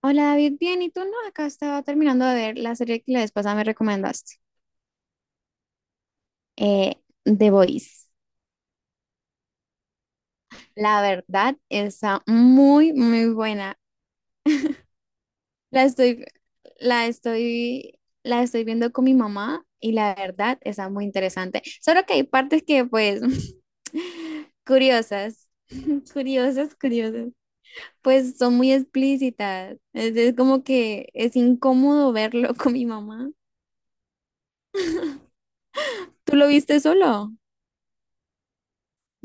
Hola David, bien, ¿y tú no? Acá estaba terminando de ver la serie que la vez pasada me recomendaste, eh, The Voice. La verdad está muy, muy buena. La estoy, la estoy, la estoy viendo con mi mamá y la verdad está muy interesante. Solo que hay partes que, pues, curiosas, curiosas, curiosas. Pues son muy explícitas. Es como que es incómodo verlo con mi mamá. ¿Tú lo viste solo?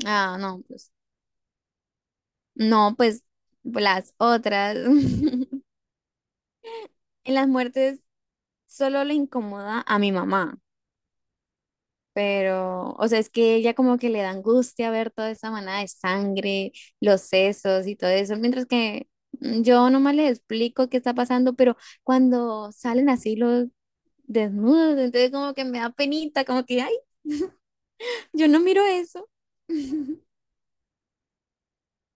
Ah, no, pues. No, pues las otras. En las muertes solo le incomoda a mi mamá, pero, o sea, es que ella como que le da angustia ver toda esa manada de sangre, los sesos y todo eso, mientras que yo nomás les explico qué está pasando, pero cuando salen así los desnudos, entonces como que me da penita, como que, ay, yo no miro eso.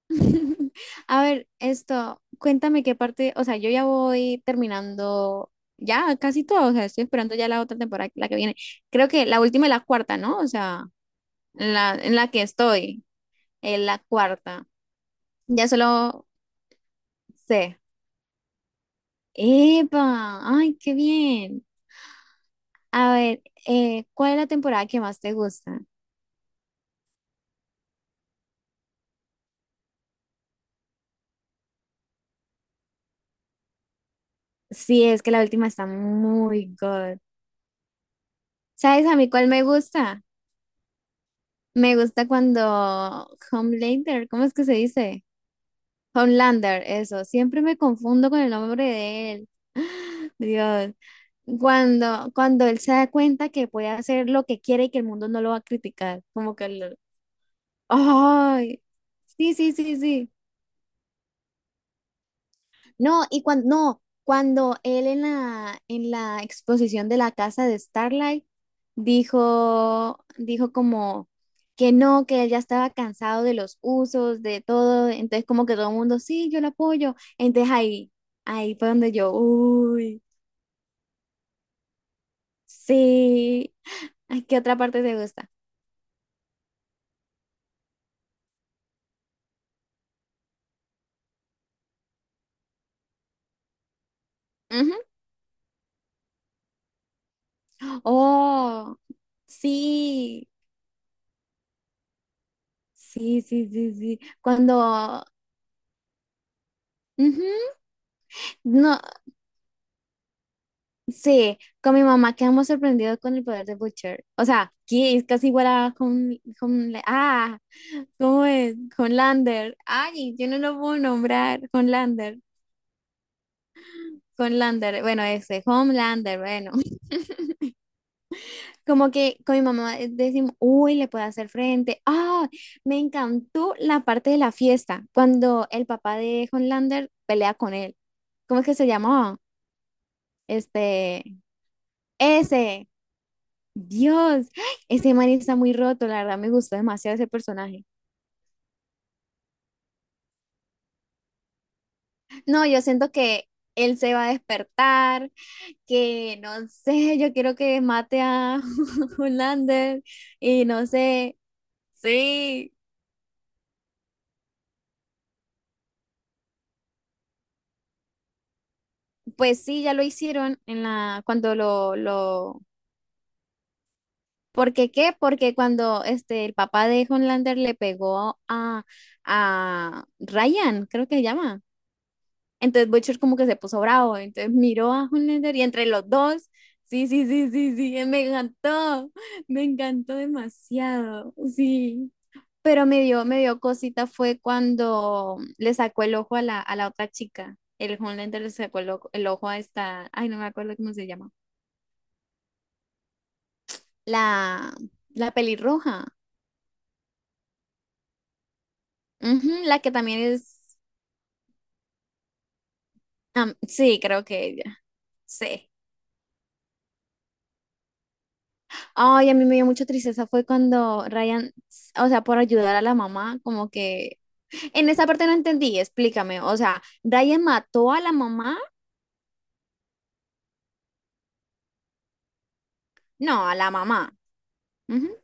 A ver, esto, cuéntame qué parte, o sea, yo ya voy terminando ya casi todo, o sea, estoy esperando ya la otra temporada, la que viene. Creo que la última y la cuarta, ¿no? O sea, en la que estoy, en la cuarta. Ya solo sé. ¡Epa! ¡Ay, qué bien! A ver, ¿cuál es la temporada que más te gusta? Sí, es que la última está muy good. ¿Sabes a mí cuál me gusta? Me gusta cuando Homelander, ¿cómo es que se dice? Homelander, eso. Siempre me confundo con el nombre de él. Dios. Cuando él se da cuenta que puede hacer lo que quiere y que el mundo no lo va a criticar. Como que... lo- ¡Ay! Sí, sí, sí, sí. No, y cuando, no, cuando él en la exposición de la casa de Starlight dijo como que no, que él ya estaba cansado de los usos, de todo, entonces como que todo el mundo, sí, yo lo apoyo. Entonces ahí, ahí fue donde yo, uy, sí. Ay, ¿qué otra parte te gusta? Ujú. Oh, sí, sí, sí, sí, sí. Cuando, ujú, no, sí, con mi mamá quedamos sorprendidos con el poder de Butcher. O sea, que es casi igual a con ah, ¿cómo es? Con Lander. Ay, yo no lo puedo nombrar. Con Lander. Con Lander. Bueno, ese, Homelander, bueno. Como que con mi mamá decimos, uy, le puedo hacer frente. Ah, me encantó la parte de la fiesta, cuando el papá de Homelander pelea con él. ¿Cómo es que se llamaba? Este, ese. Dios, ese man está muy roto, la verdad me gustó demasiado ese personaje. No, yo siento que él se va a despertar, que no sé, yo quiero que mate a Hulander y no sé. Sí, pues sí, ya lo hicieron en la cuando lo ¿Por qué qué? Porque cuando este el papá de Hulander le pegó a Ryan, creo que se llama. Entonces Butcher como que se puso bravo, entonces miró a Homelander y entre los dos, sí, sí, sí, sí, sí, me encantó, me encantó demasiado, sí. Pero me dio cosita fue cuando le sacó el ojo a la otra chica, el Homelander le sacó el ojo a esta, ay, no me acuerdo cómo se llama, la, la pelirroja, ujú, la que también es, am- sí, creo que ella, sí. Ay, a mí me dio mucha tristeza fue cuando Ryan, o sea, por ayudar a la mamá, como que en esa parte no entendí, explícame. O sea, Ryan mató a la mamá, no, a la mamá. Ujú.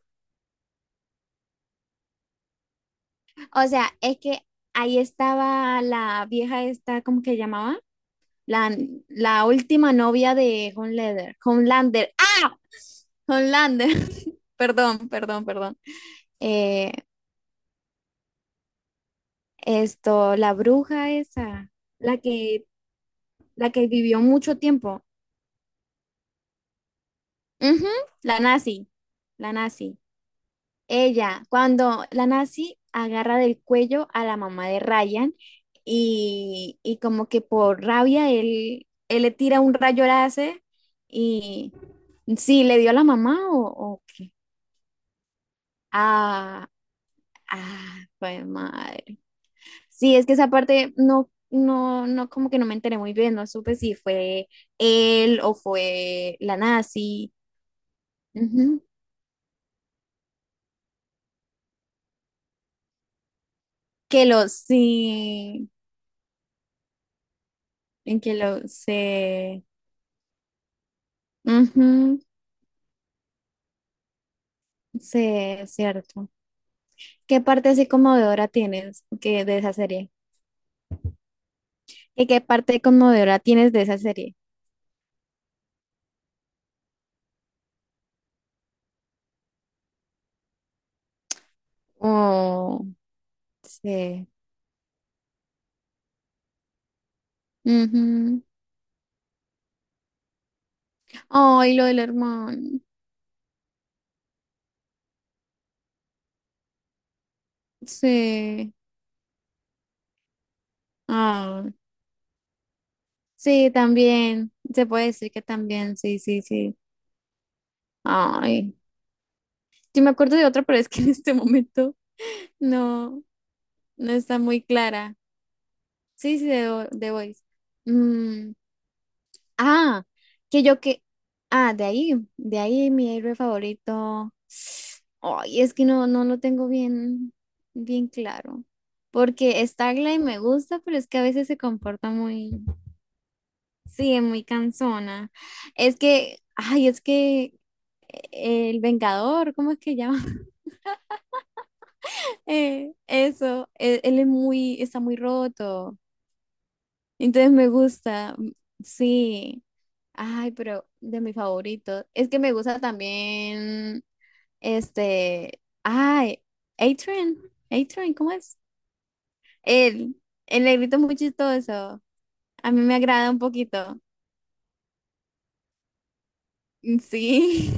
O sea, es que ahí estaba la vieja esta, ¿cómo que llamaba? La, la última novia de Homelander. Homelander. ¡Ah! Homelander. Perdón, perdón, perdón. Eh, esto, la bruja esa, la que, la que vivió mucho tiempo. Ujú, la nazi, la nazi. Ella, cuando la nazi agarra del cuello a la mamá de Ryan y como que por rabia él, él le tira un rayo láser y sí, le dio a la mamá o qué. Ah, ah, pues madre. Sí, es que esa parte no, no, no, como que no me enteré muy bien, no supe si fue él o fue la nazi. Ujú. Que los, sí. En que lo se... Ujú, sí, es cierto. ¿Qué parte así conmovedora tienes que, de esa serie? ¿Y qué parte conmovedora tienes de esa serie? Oh, sí. Ujú. Ay, lo del hermano. Sí. Ah, sí, también. Se puede decir que también, sí, sí, sí. Ay. Sí me acuerdo de otra, pero es que en este momento no, no está muy clara. Sí, sí, de, Vo- de Voice. Mm, ah, que yo que. Ah, de ahí mi héroe favorito. Ay, es que no, no lo tengo bien, bien claro. Porque Starlight me gusta, pero es que a veces se comporta muy, sí, es muy cansona. Es que, ay, es que el Vengador, ¿cómo es que llama? Eso, él es muy, está muy roto. Entonces me gusta, mm, sí. Ay, pero de mi favorito. Es que me gusta también. Este, ay, Adrian, Adrian, ¿cómo es? Él el negrito es muy chistoso. A mí me agrada un poquito. Mm, sí,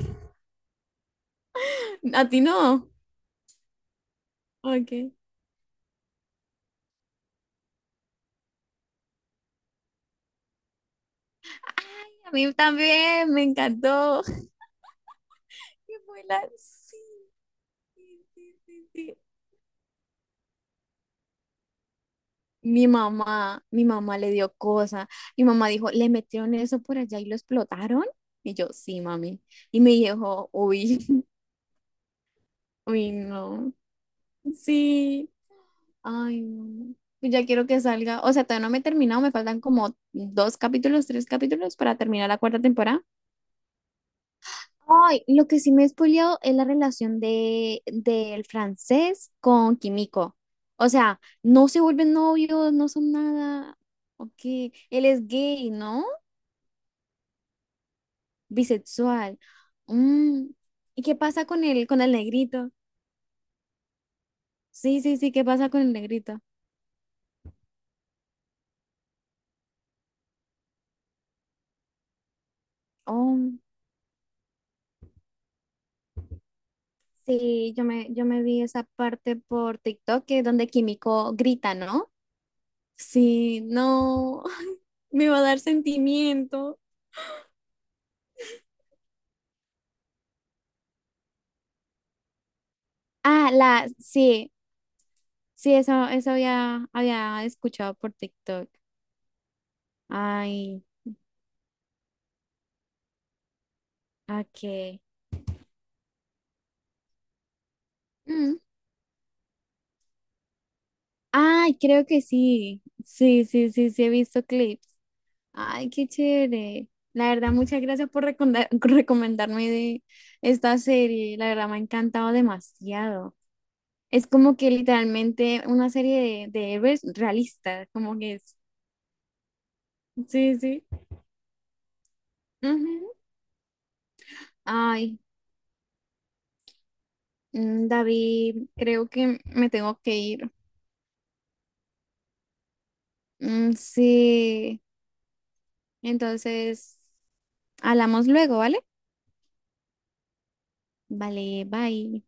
a ti no. Ok. Ay, a mí también me encantó. Qué buena- sí, sí, sí, sí, sí. Mi mamá le dio cosa. Mi mamá dijo, le metieron eso por allá y lo explotaron. Y yo, sí, mami. Y me dijo, uy, uy, no. Sí. Ay, no. Ya quiero que salga. O sea, todavía no me he terminado. Me faltan como dos capítulos, tres capítulos para terminar la cuarta temporada. Ay, lo que sí me he spoileado es la relación de del francés con Kimiko. O sea, no se vuelven novios, no son nada. Ok, él es gay, ¿no? Bisexual. Mm, ¿y qué pasa con el negrito? Sí, sí, sí, ¿qué pasa con el negrito? Oh. Sí, yo me vi esa parte por TikTok que es donde Químico grita, ¿no? Sí, no, me va a dar sentimiento. Ah, la, sí, sí, eso había, había escuchado por TikTok. Ay, ok. Mm. Ay, creo que sí. Sí, sí, sí, sí, he visto clips. Ay, qué chévere. La verdad, muchas gracias por recomenda- recomendarme de esta serie. La verdad, me ha encantado demasiado. Es como que literalmente una serie de héroes realistas, como que es. Sí, sí. Ujú. Ay, mm, David, creo que me tengo que ir. Mm, sí, entonces, hablamos luego, ¿vale? Vale, bye.